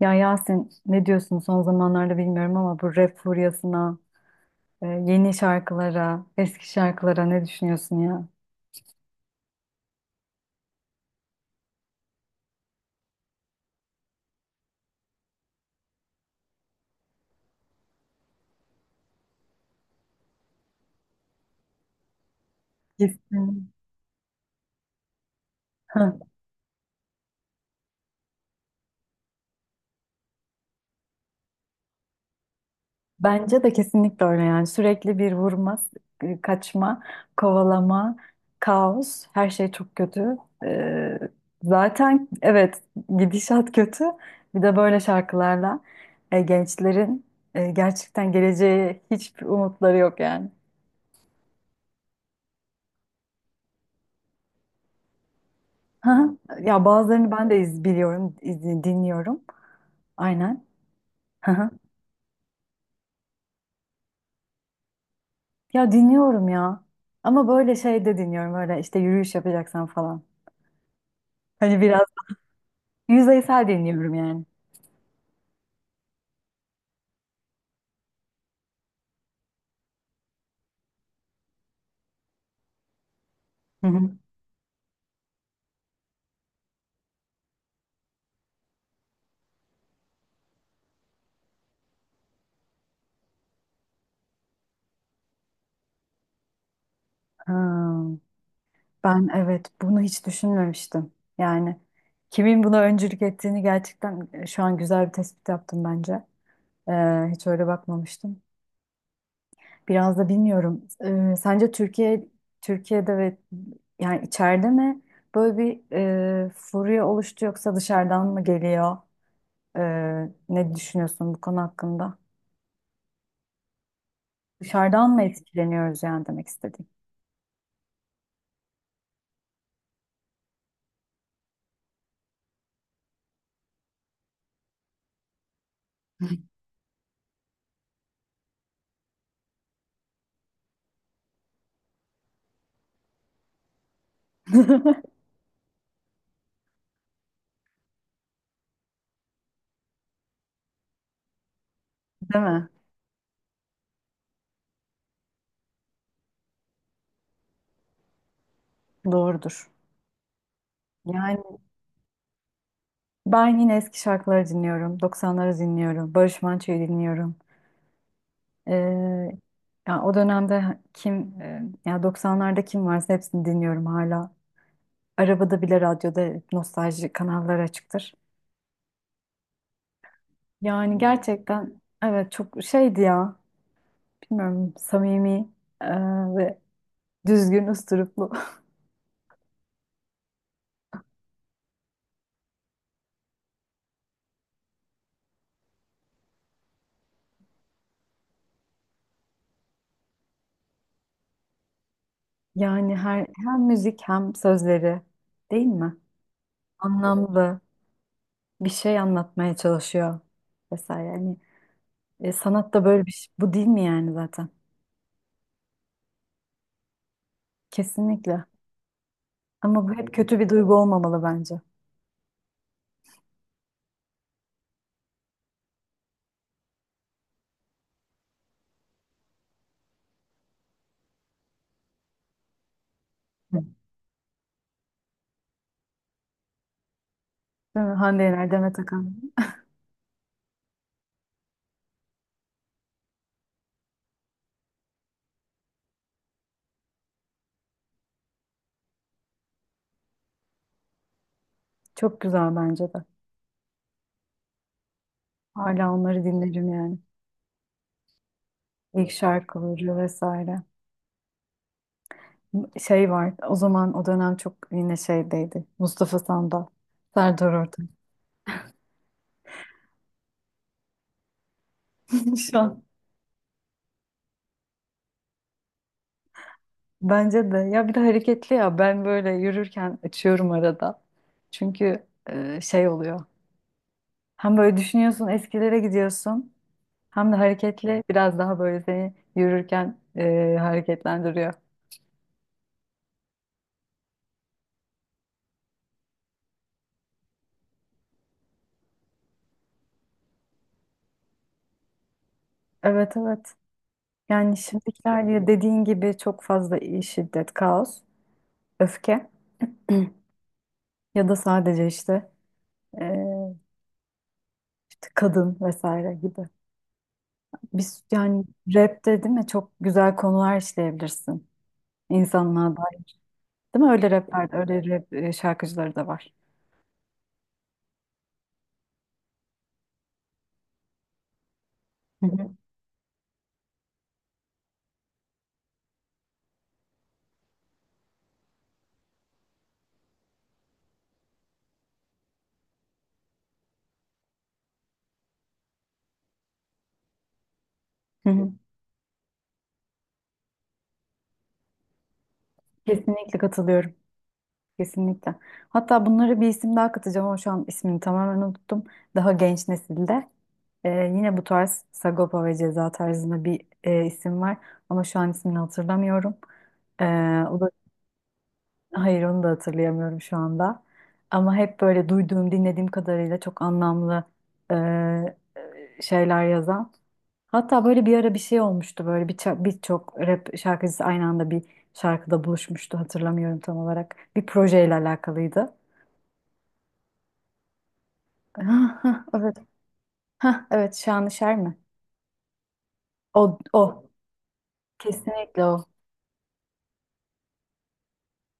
Ya Yasin ne diyorsun son zamanlarda bilmiyorum ama bu rap furyasına, yeni şarkılara, eski şarkılara ne düşünüyorsun ya? Kesin. Heh. Bence de kesinlikle öyle yani sürekli bir vurma, kaçma, kovalama, kaos, her şey çok kötü. E, Zaten evet gidişat kötü. Bir de böyle şarkılarla gençlerin gerçekten geleceğe hiçbir umutları yok yani. Hı hı. Ya bazılarını ben de iz biliyorum, dinliyorum. Aynen. Hı hı. Ya dinliyorum ya. Ama böyle şey de dinliyorum böyle işte yürüyüş yapacaksan falan. Hani biraz yüzeysel dinliyorum yani. Hı hı. Hmm. Ben evet bunu hiç düşünmemiştim. Yani kimin buna öncülük ettiğini gerçekten şu an güzel bir tespit yaptım bence. Hiç öyle bakmamıştım. Biraz da bilmiyorum. Sence Türkiye'de ve yani içeride mi böyle bir furya oluştu yoksa dışarıdan mı geliyor? Ne düşünüyorsun bu konu hakkında? Dışarıdan mı etkileniyoruz yani demek istediğim. Değil mi? Doğrudur. Yani ben yine eski şarkıları dinliyorum. 90'ları dinliyorum. Barış Manço'yu dinliyorum. Ee, Ya o dönemde kim ya 90'larda kim varsa hepsini dinliyorum hala. Arabada bile radyoda nostalji kanalları açıktır. Yani gerçekten evet çok şeydi ya. Bilmiyorum samimi e, ve düzgün üsluplu. Yani hem müzik hem sözleri değil mi? Anlamlı bir şey anlatmaya çalışıyor vesaire. Yani sanat da böyle bir şey. Bu değil mi yani zaten? Kesinlikle. Ama bu hep kötü bir duygu olmamalı bence. Hı. Değil mi? Hande Yener, Demet Akan. Çok güzel bence de. Hala onları dinlerim yani. İlk şarkıları vesaire. Şey var o zaman o dönem çok yine şeydeydi. Mustafa Sandal, Serdar Ortaç. Şu an bence de ya bir de hareketli ya ben böyle yürürken açıyorum arada. Çünkü şey oluyor. Hem böyle düşünüyorsun eskilere gidiyorsun hem de hareketli biraz daha böyle seni yürürken hareketlendiriyor. Evet evet. Yani şimdikiler ya dediğin gibi çok fazla şiddet, kaos, öfke ya da sadece işte e, kadın vesaire gibi. Biz yani rapte değil mi çok güzel konular işleyebilirsin insanlığa dair. Değil mi? Öyle rapler de, öyle rap şarkıcıları da var. Hı hı. Hı hı. Kesinlikle katılıyorum. Kesinlikle. Hatta bunları bir isim daha katacağım ama şu an ismini tamamen unuttum. Daha genç nesilde yine bu tarz Sagopa ve Ceza tarzında bir isim var ama şu an ismini hatırlamıyorum. E, o da Hayır onu da hatırlayamıyorum şu anda. Ama hep böyle duyduğum, dinlediğim kadarıyla çok anlamlı e, şeyler yazan. Hatta böyle bir ara bir şey olmuştu böyle bir birçok rap şarkıcısı aynı anda bir şarkıda buluşmuştu hatırlamıyorum tam olarak. Bir projeyle alakalıydı. Hah, hah, evet. Hah, evet Şanışer mi? O, o. Kesinlikle o.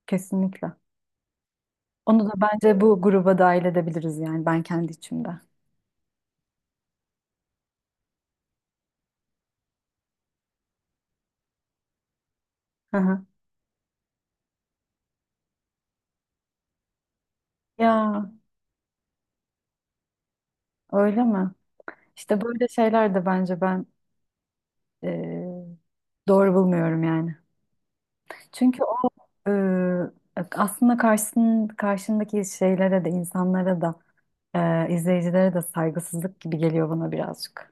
Kesinlikle. Onu da bence bu gruba dahil edebiliriz yani ben kendi içimde. Hı hı. Ya öyle mi? İşte böyle şeyler de bence ben eee, doğru bulmuyorum yani. Çünkü o eee, aslında karşındaki şeylere de insanlara da izleyicilere de saygısızlık gibi geliyor bana birazcık.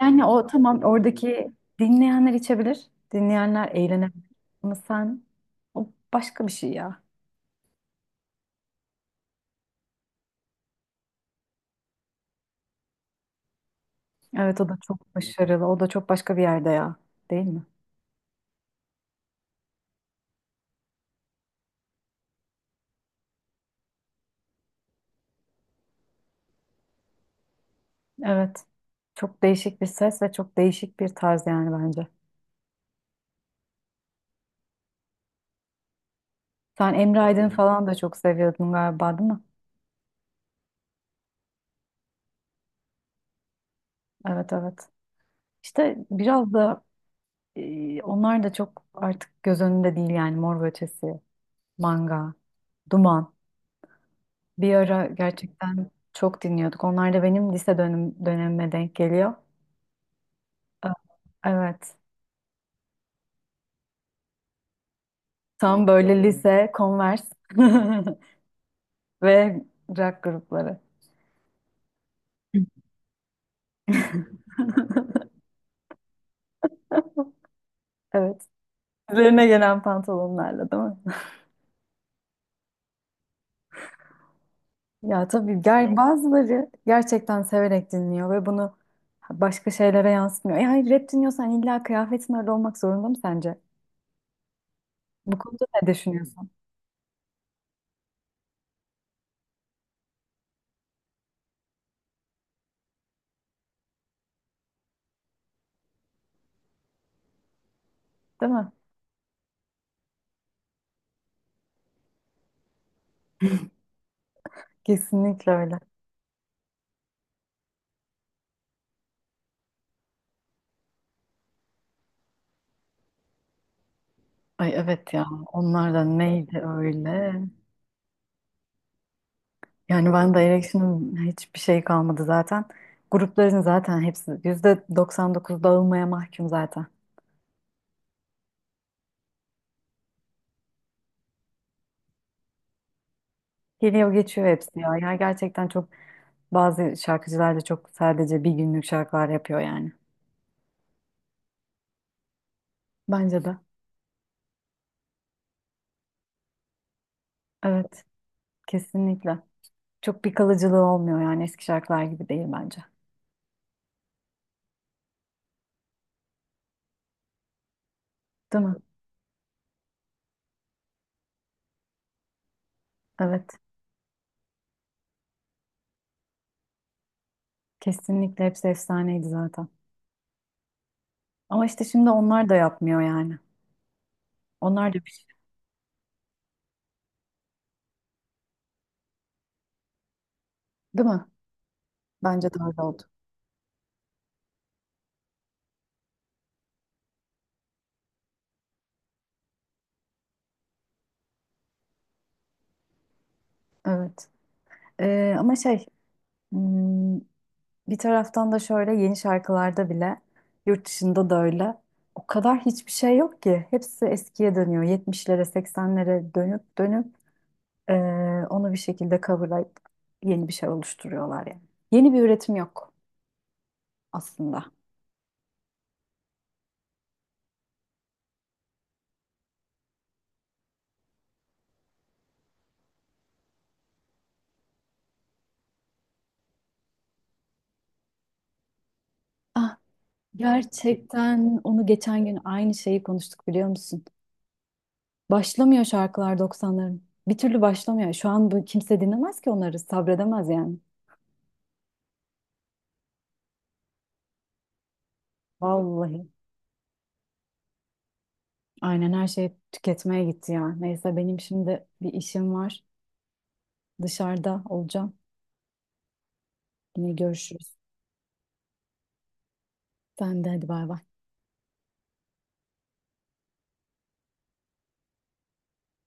Yani o tamam oradaki dinleyenler içebilir, dinleyenler eğlenebilir ama sen o başka bir şey ya. Evet o da çok başarılı, o da çok başka bir yerde ya, değil mi? Evet. Çok değişik bir ses ve çok değişik bir tarz yani bence. Sen Emre Aydın falan da çok seviyordun galiba değil mi? Evet evet. İşte biraz da onlar da çok artık göz önünde değil yani Mor ve Ötesi, Manga, Duman. Bir ara gerçekten çok dinliyorduk. Onlar da benim lise dönemime denk geliyor. E, Evet. Tam böyle lise, Converse ve rock grupları. Evet. Üzerine gelen pantolonlarla değil mi? Ya tabii bazıları gerçekten severek dinliyor ve bunu başka şeylere yansıtmıyor. E hayır rap dinliyorsan illa kıyafetin öyle olmak zorunda mı sence? Bu konuda ne düşünüyorsun? Değil mi? Kesinlikle öyle. Ay evet ya onlar da neydi öyle? Yani ben de Erection'ın hiçbir şey kalmadı zaten. Grupların zaten hepsi %99 dağılmaya mahkum zaten. Geliyor geçiyor hepsi ya. Ya gerçekten çok bazı şarkıcılar da çok sadece bir günlük şarkılar yapıyor yani. Bence de. Evet. Kesinlikle. Çok bir kalıcılığı olmuyor yani eski şarkılar gibi değil bence. Değil mi? Evet. Kesinlikle hepsi efsaneydi zaten. Ama işte şimdi onlar da yapmıyor yani. Onlar da bir şey. Değil mi? Bence de öyle oldu. Evet. Ama şey hmm, bir taraftan da şöyle yeni şarkılarda bile yurt dışında da öyle. O kadar hiçbir şey yok ki. Hepsi eskiye dönüyor. 70'lere 80'lere dönüp dönüp ee, onu bir şekilde coverlayıp yeni bir şey oluşturuyorlar yani. Yeni bir üretim yok aslında. Ah, gerçekten onu geçen gün aynı şeyi konuştuk biliyor musun? Başlamıyor şarkılar 90'ların. Bir türlü başlamıyor. Şu an bu kimse dinlemez ki onları, sabredemez yani. Vallahi. Aynen her şey tüketmeye gitti ya. Neyse benim şimdi bir işim var. Dışarıda olacağım. Yine görüşürüz. Sen de hadi bay bay.